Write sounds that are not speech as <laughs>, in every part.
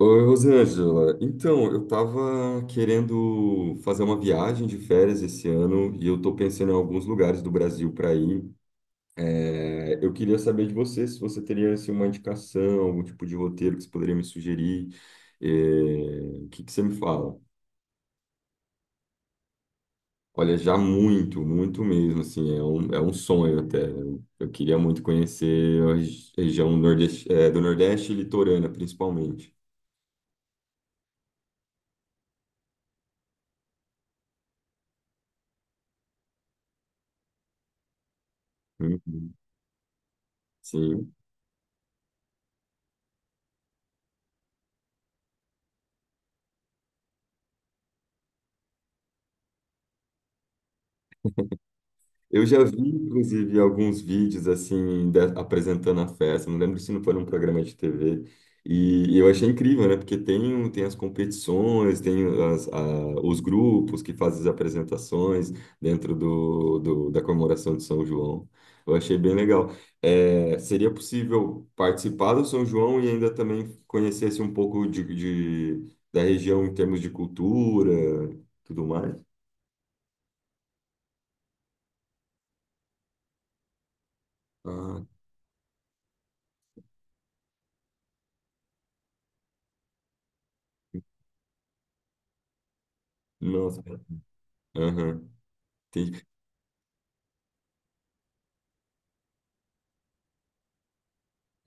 Oi, Rosângela. Então, eu estava querendo fazer uma viagem de férias esse ano e eu estou pensando em alguns lugares do Brasil para ir. Eu queria saber de você se você teria assim, uma indicação, algum tipo de roteiro que você poderia me sugerir. É, o que que você me fala? Olha, já muito, muito mesmo, assim, é um sonho até. Eu queria muito conhecer a região nordeste, é, do Nordeste e litorânea, principalmente. Uhum. Sim. Eu já vi, inclusive, alguns vídeos assim, apresentando a festa. Não lembro se não foi num programa de TV. E eu achei incrível, né? Porque tem, tem as competições, tem os grupos que fazem as apresentações dentro da comemoração de São João. Eu achei bem legal. É, seria possível participar do São João e ainda também conhecesse um pouco da região em termos de cultura, tudo mais? Ah, nossa. Aham. Entendi.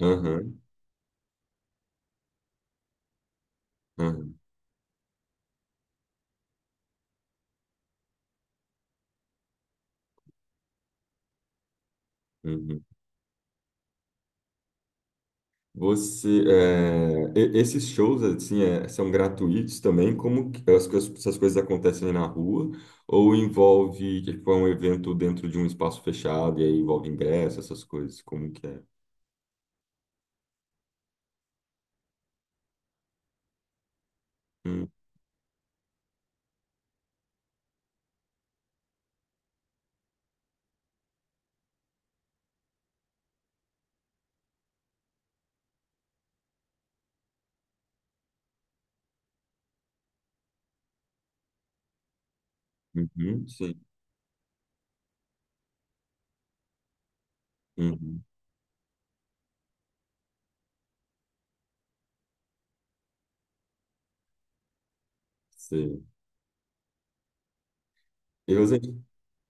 Aham, aham, uhum. Você, é, esses shows assim é, são gratuitos também? Como que as, essas coisas acontecem na rua? Ou envolve que foi um evento dentro de um espaço fechado e aí envolve ingresso, essas coisas? Como que é? Hum. Uhum, sim, uhum, sim. E você?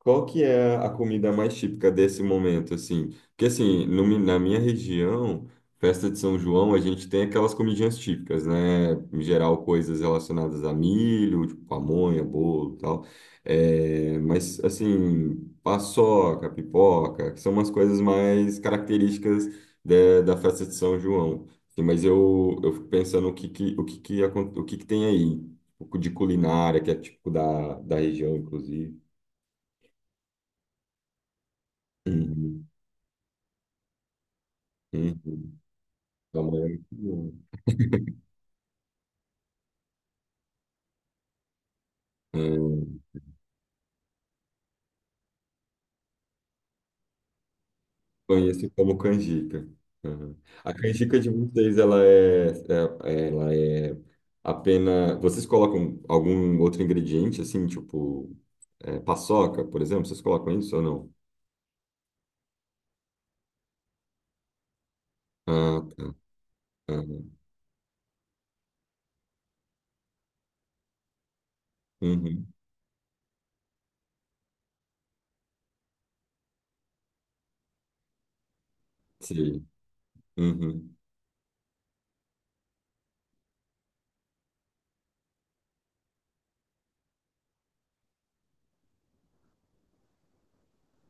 Qual que é a comida mais típica desse momento, assim? Porque, assim, no na minha região, festa de São João, a gente tem aquelas comidinhas típicas, né? Em geral, coisas relacionadas a milho, tipo pamonha, bolo e tal. É, mas, assim, paçoca, pipoca, que são umas coisas mais características da da festa de São João. Assim, mas eu fico pensando o que que tem aí, tipo, de culinária, que é típico da, da região, inclusive. Uhum. Uhum. Pamonha é muito bom. Hum. Conheço como canjica. Uhum. A canjica de vocês, ela é apenas. Vocês colocam algum outro ingrediente, assim, tipo é, paçoca, por exemplo? Vocês colocam isso ou não? Ah, tá. Ah. Uhum. Sim. Uhum.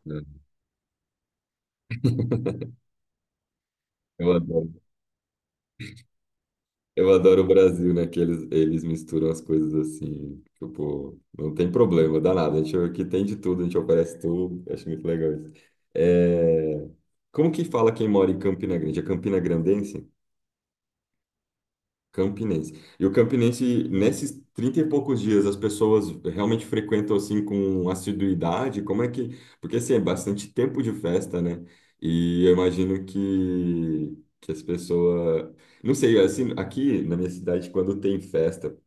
É. <laughs> Eu adoro. Eu adoro o Brasil, né? Que eles misturam as coisas assim. Tipo, não tem problema, danado. A gente aqui tem de tudo, a gente oferece tudo. Eu Acho muito legal isso. É, Como que fala quem mora em Campina Grande? É Campina Grandense? Campinense. E o Campinense, nesses 30 e poucos dias, as pessoas realmente frequentam assim com assiduidade? Como é que. Porque assim, é bastante tempo de festa, né? E eu imagino que as pessoas. Não sei, assim, aqui na minha cidade, quando tem festa,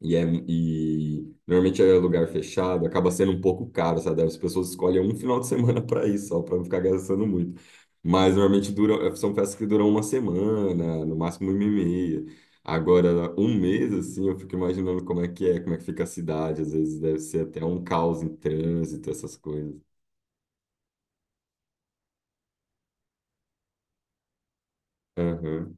e, é, e normalmente é lugar fechado, acaba sendo um pouco caro, sabe? As pessoas escolhem um final de semana para ir só para não ficar gastando muito. Mas normalmente duram, são festas que duram uma semana, no máximo uma e meia. Agora, um mês, assim, eu fico imaginando como é que é, como é que fica a cidade. Às vezes deve ser até um caos em trânsito, essas coisas. Aham,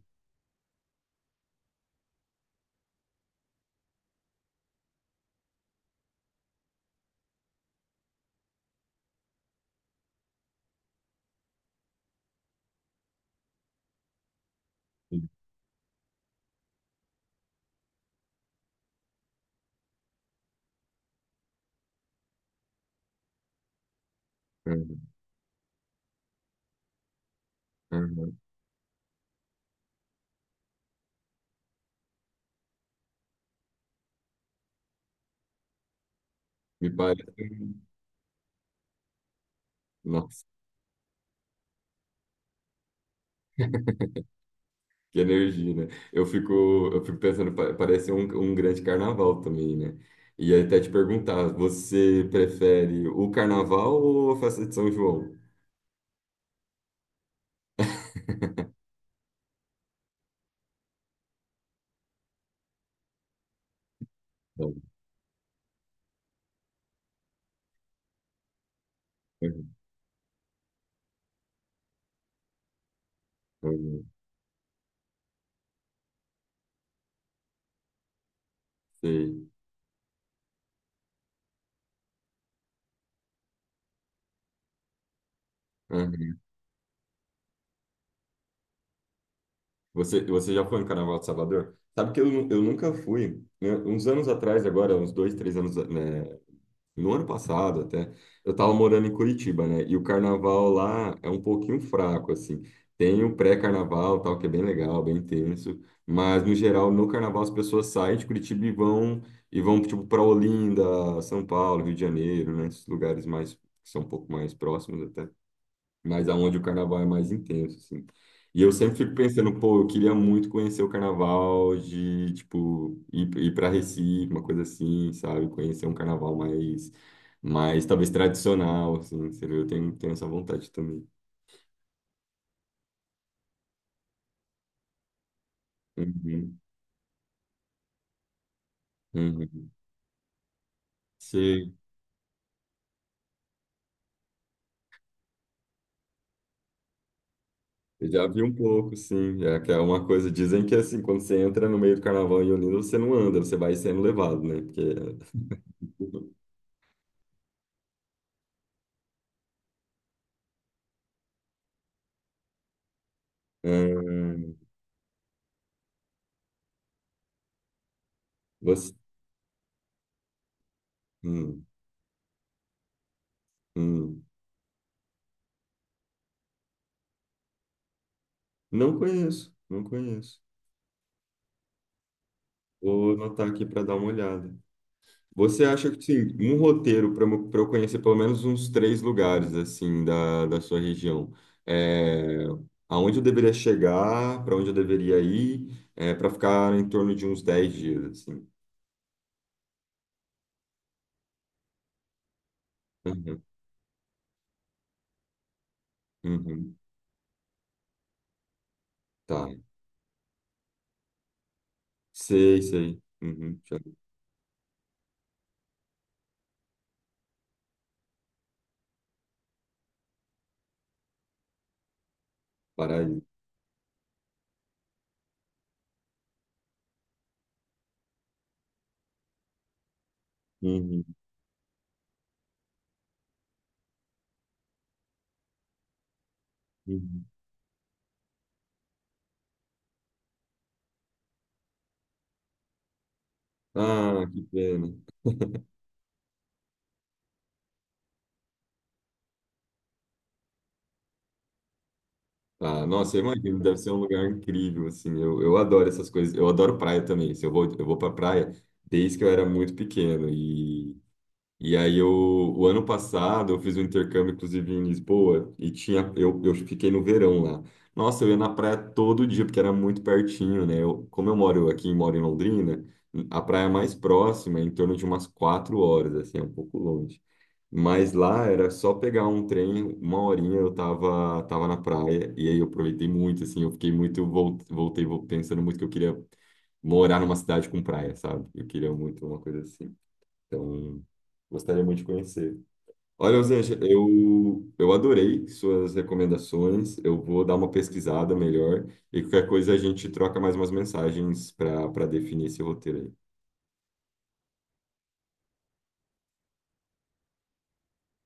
aham, aham. Me parece. Nossa. <laughs> Que energia, né? Eu fico pensando, parece um, um grande carnaval também, né? E aí até te perguntar, você prefere o carnaval ou a festa de São João? <laughs> Bom. Uhum, uhum. Sei. Uhum. Você, você já foi no Carnaval de Salvador? Sabe que eu, eu nunca fui. Né? Uns anos atrás, agora, uns dois, três anos, né, no ano passado até, eu estava morando em Curitiba, né? E o carnaval lá é um pouquinho fraco, assim. Tem o pré-carnaval, tal, que é bem legal, bem intenso, mas no geral, no carnaval as pessoas saem de Curitiba e vão tipo para Olinda, São Paulo, Rio de Janeiro, né? Esses lugares mais que são um pouco mais próximos até mas aonde o carnaval é mais intenso, assim. E eu sempre fico pensando, pô, eu queria muito conhecer o carnaval de, tipo, ir para Recife, uma coisa assim, sabe? Conhecer um carnaval mais, mais talvez tradicional, assim, você viu? Eu tenho, tenho essa vontade também. Uhum, uhum. Sim, eu já vi um pouco, sim. É que é uma coisa, dizem que assim, quando você entra no meio do carnaval em Olinda, você não anda, você vai sendo levado, né? Porque... Hum, você... Hum, hum. Não conheço, não conheço. Vou anotar aqui para dar uma olhada. Você acha que, sim, um roteiro para eu conhecer pelo menos uns três lugares, assim, da, da sua região? É, aonde eu deveria chegar, para onde eu deveria ir, para ficar em torno de uns 10 dias, assim. Uhum, uhum, tá. Sei, sei. Uhum, deixa eu parar aí. Uhum, uhum. Ah, que pena. Ah, nossa, eu imagino, deve ser um lugar incrível, assim, eu adoro essas coisas, eu adoro praia também, assim, eu vou pra praia desde que eu era muito pequeno, e aí eu, o ano passado eu fiz um intercâmbio, inclusive, em Lisboa, e tinha, eu fiquei no verão lá, nossa, eu ia na praia todo dia, porque era muito pertinho, né, eu, como eu moro aqui, moro em Londrina, a praia mais próxima é em torno de umas 4 horas, assim, é um pouco longe, mas lá era só pegar um trem, uma horinha eu tava, tava na praia, e aí eu aproveitei muito, assim, eu fiquei muito, pensando muito que eu queria morar numa cidade com praia, sabe? Eu queria muito uma coisa assim. Então, gostaria muito de conhecer. Olha, Osanja, eu adorei suas recomendações, eu vou dar uma pesquisada melhor, e qualquer coisa a gente troca mais umas mensagens para para definir esse roteiro aí.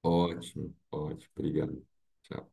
Ótimo, ótimo, obrigado. Tchau.